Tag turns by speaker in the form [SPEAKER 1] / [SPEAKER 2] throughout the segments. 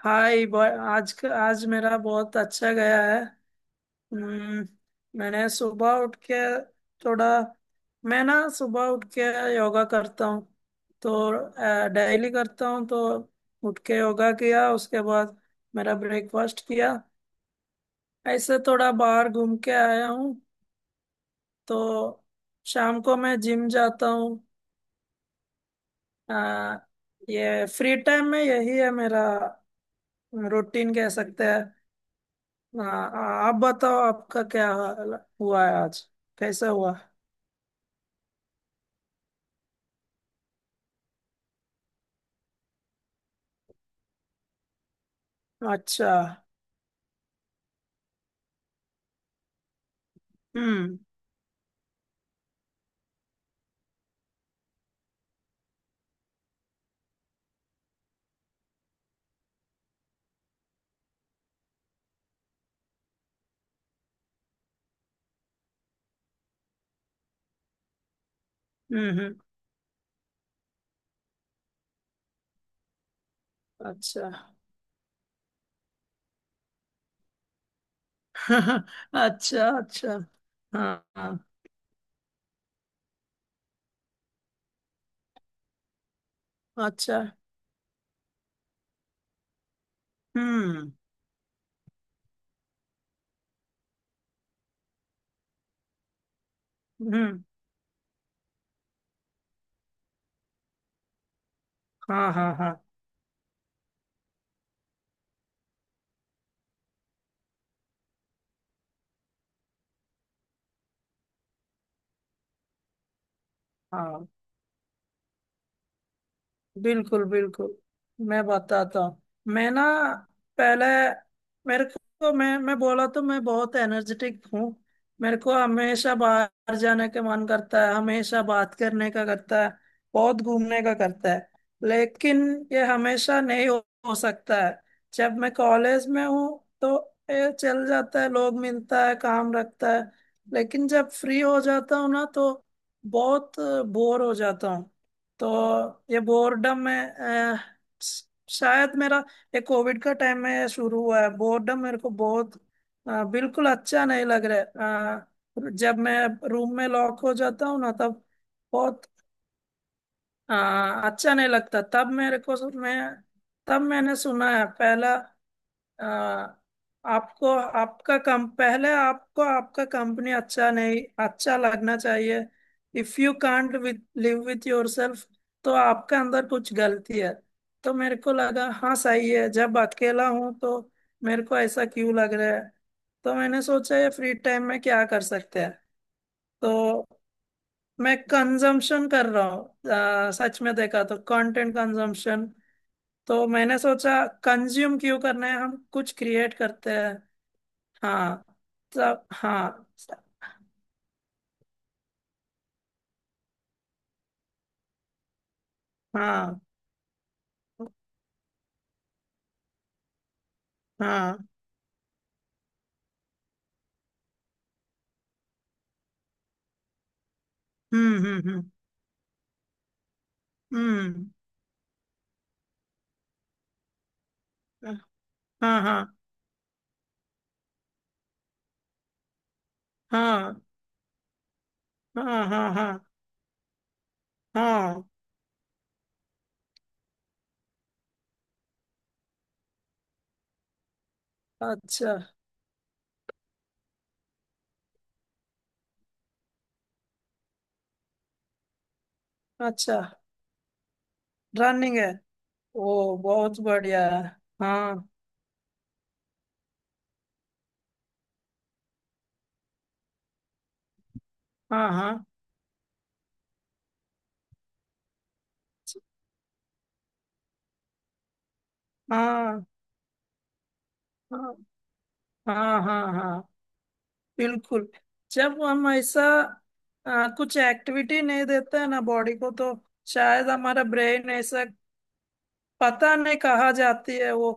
[SPEAKER 1] हाय boy. आज मेरा बहुत अच्छा गया है। हम्म, मैंने सुबह उठ के थोड़ा मैं ना सुबह उठ के योगा करता हूँ। तो डेली करता हूँ। तो उठ के योगा किया, उसके बाद मेरा ब्रेकफास्ट किया, ऐसे थोड़ा बाहर घूम के आया हूँ। तो शाम को मैं जिम जाता हूँ। अ, ये फ्री टाइम में यही है, मेरा रूटीन कह सकते हैं। हाँ। हाँ, आप बताओ आपका क्या हाल हुआ है आज, कैसा हुआ? अच्छा। हम्म। हम्म। हम्म। अच्छा। अच्छा, अच्छा। हाँ। हाँ, अच्छा। हम्म। हम्म। हाँ। हाँ। हाँ। हाँ। बिल्कुल, बिल्कुल। मैं बताता हूँ। मैं ना पहले, मेरे को मैं बोला तो मैं बहुत एनर्जेटिक हूँ। मेरे को हमेशा बाहर जाने का मन करता है, हमेशा बात करने का करता है, बहुत घूमने का करता है। लेकिन ये हमेशा नहीं हो सकता है। जब मैं कॉलेज में हूँ तो ये चल जाता है, लोग मिलता है, काम रखता है। लेकिन जब फ्री हो जाता हूँ ना तो बहुत बोर हो जाता हूँ। तो ये बोर्डम में, शायद मेरा ये कोविड का टाइम में ये शुरू हुआ है बोर्डम, मेरे को बहुत बिल्कुल अच्छा नहीं लग रहा है। जब मैं रूम में लॉक हो जाता हूँ ना तब बहुत अ, अच्छा नहीं लगता तब मेरे को। मैं तब मैंने सुना है पहला, आ, आपको आपका कम पहले, आपको आपका कंपनी अच्छा नहीं, अच्छा लगना चाहिए। If you can't with live with yourself, तो आपका अंदर कुछ गलती है। तो मेरे को लगा हाँ सही है, जब अकेला हूं तो मेरे को ऐसा क्यों लग रहा है। तो मैंने सोचा ये फ्री टाइम में क्या कर सकते हैं। तो मैं कंजम्पशन कर रहा हूँ, सच में देखा तो कंटेंट कंजम्पशन। तो मैंने सोचा, कंज्यूम क्यों करना है, हम कुछ क्रिएट करते हैं। हाँ सब, हाँ सब। हाँ। हाँ। हम्म। हम्म। हम्म। हम्म। हाँ। हाँ। हाँ। हाँ। हाँ। हाँ। हाँ। हाँ, अच्छा, अच्छा। रनिंग है? ओ बहुत बढ़िया है। हाँ। हाँ। हाँ। हाँ। हाँ। हाँ। हाँ। हाँ। बिल्कुल। जब हम ऐसा कुछ एक्टिविटी नहीं देते हैं ना बॉडी को, तो शायद हमारा ब्रेन ऐसा, पता नहीं कहाँ जाती है वो,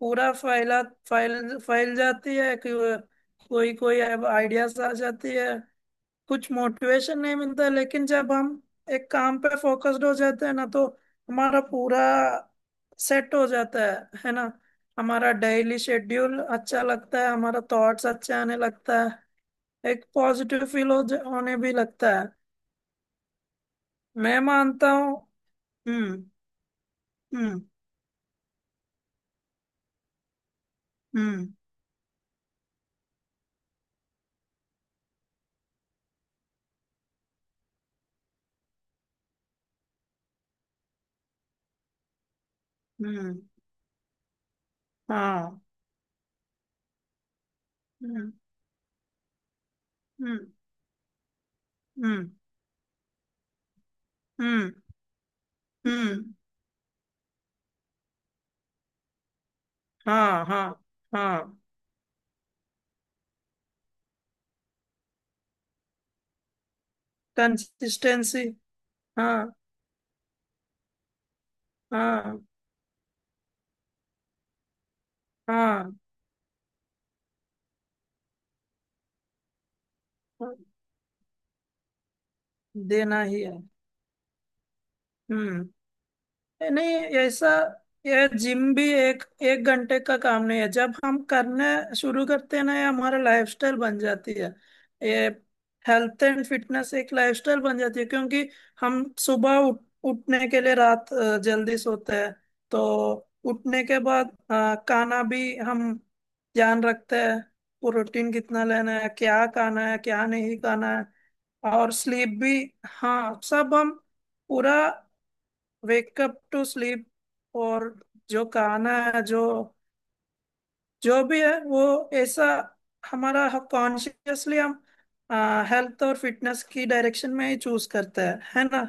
[SPEAKER 1] पूरा फैला, फैल फैल जाती है कि कोई कोई आइडियाज आ जाती है, कुछ मोटिवेशन नहीं मिलता। लेकिन जब हम एक काम पे फोकस्ड हो जाते हैं ना तो हमारा पूरा सेट हो जाता है ना। हमारा डेली शेड्यूल अच्छा लगता है, हमारा थॉट्स अच्छे आने लगता है, एक पॉजिटिव फील हो होने भी लगता है। मैं मानता हूँ। हम्म। हम्म। हम्म। हम्म। हाँ। हम्म। हम्म। हम्म। हम्म। हम्म। हाँ। हाँ। हाँ। कंसिस्टेंसी। हाँ। हाँ, हाँ, हाँ। देना ही है। हम्म। नहीं, ऐसा यह जिम भी एक एक घंटे का काम नहीं है। जब हम करने शुरू करते हैं ना ये हमारा लाइफस्टाइल बन जाती है। ये हेल्थ एंड फिटनेस एक लाइफस्टाइल बन जाती है, क्योंकि हम सुबह उठने के लिए रात जल्दी सोते हैं। तो उठने के बाद खाना भी हम ध्यान रखते हैं, प्रोटीन कितना लेना है, क्या खाना है, क्या नहीं खाना है। और स्लीप भी। हाँ, सब हम पूरा, वेकअप टू स्लीप। और जो गाना है, जो जो भी है वो, ऐसा हमारा, कॉन्शियसली हम हेल्थ और फिटनेस की डायरेक्शन में ही चूज करते हैं, है ना।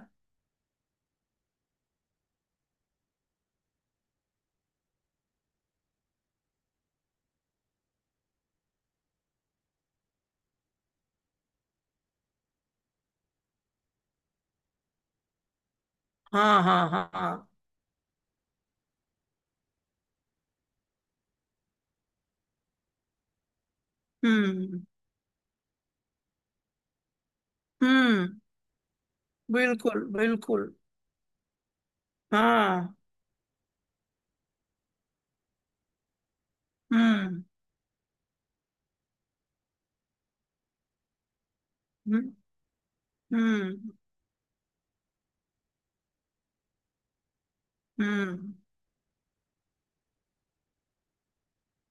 [SPEAKER 1] हाँ। हाँ। हाँ। हाँ। हम्म। हम्म। बिल्कुल, बिल्कुल। हाँ। हम्म। हम्म। हम्म। हम्म।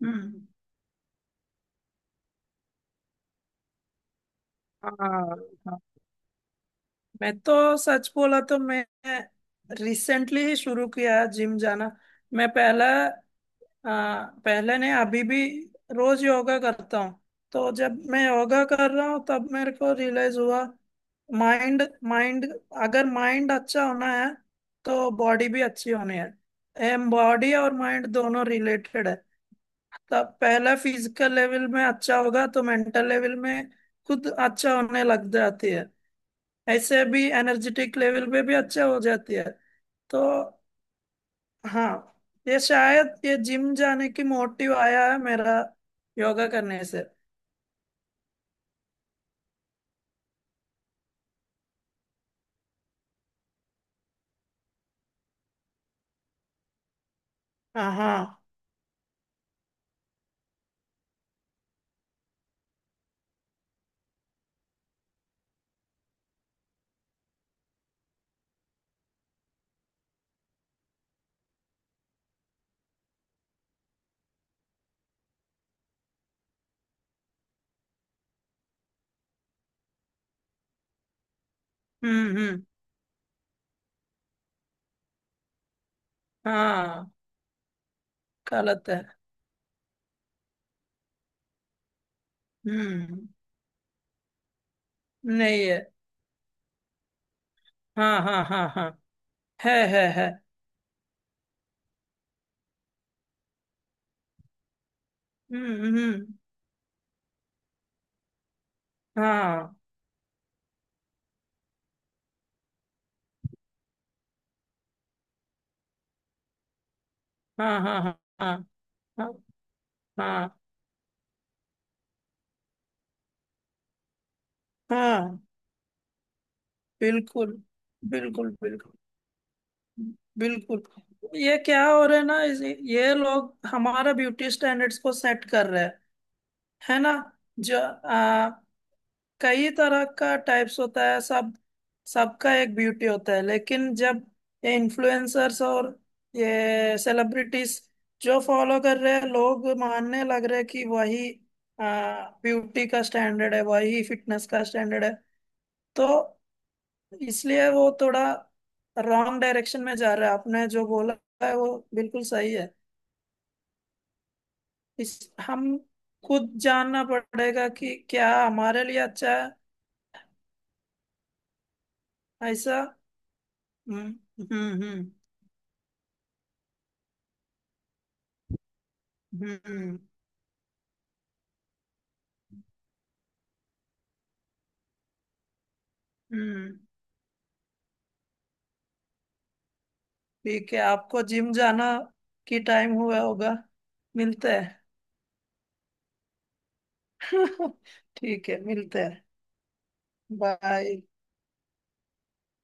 [SPEAKER 1] हम्म, हाँ। हाँ। मैं तो सच बोला तो मैं रिसेंटली ही शुरू किया जिम जाना। मैं पहले, पहले नहीं, अभी भी रोज योगा करता हूँ। तो जब मैं योगा कर रहा हूँ तब मेरे को रियलाइज हुआ, माइंड, माइंड, अगर माइंड अच्छा होना है तो बॉडी भी अच्छी होनी है। एम, बॉडी और माइंड दोनों रिलेटेड है। तब पहला फिजिकल लेवल में अच्छा होगा तो मेंटल लेवल में खुद अच्छा होने लग जाती है। ऐसे भी एनर्जेटिक लेवल पे भी अच्छा हो जाती है। तो हाँ, ये शायद ये जिम जाने की मोटिव आया है मेरा, योगा करने से। हाँ। हाँ। हम्म। हम्म। हाँ। गलत है। हम्म। नहीं है। हाँ। हाँ। हाँ। हाँ। है, है, है। हम्म। हम्म। हाँ। हाँ। हाँ। हाँ। हाँ। हाँ। हाँ। हाँ, बिल्कुल, बिल्कुल। बिल्कुल, बिल्कुल। ये क्या हो रहा है ना, ये लोग हमारा ब्यूटी स्टैंडर्ड्स को सेट कर रहे हैं, है ना। जो कई तरह का टाइप्स होता है, सब, सबका एक ब्यूटी होता है। लेकिन जब ये इन्फ्लुएंसर्स और ये सेलिब्रिटीज जो फॉलो कर रहे हैं, लोग मानने लग रहे हैं कि वही ब्यूटी का स्टैंडर्ड है, वही फिटनेस का स्टैंडर्ड है। तो इसलिए वो थोड़ा रॉन्ग डायरेक्शन में जा रहा है। आपने जो बोला है वो बिल्कुल सही है। इस, हम खुद जानना पड़ेगा कि क्या हमारे लिए अच्छा है, ऐसा। हम्म। हम्म। हम्म। हम्म। हम्म। ठीक है, आपको जिम जाना की टाइम हुआ होगा। मिलते हैं। ठीक है, मिलते हैं। बाय।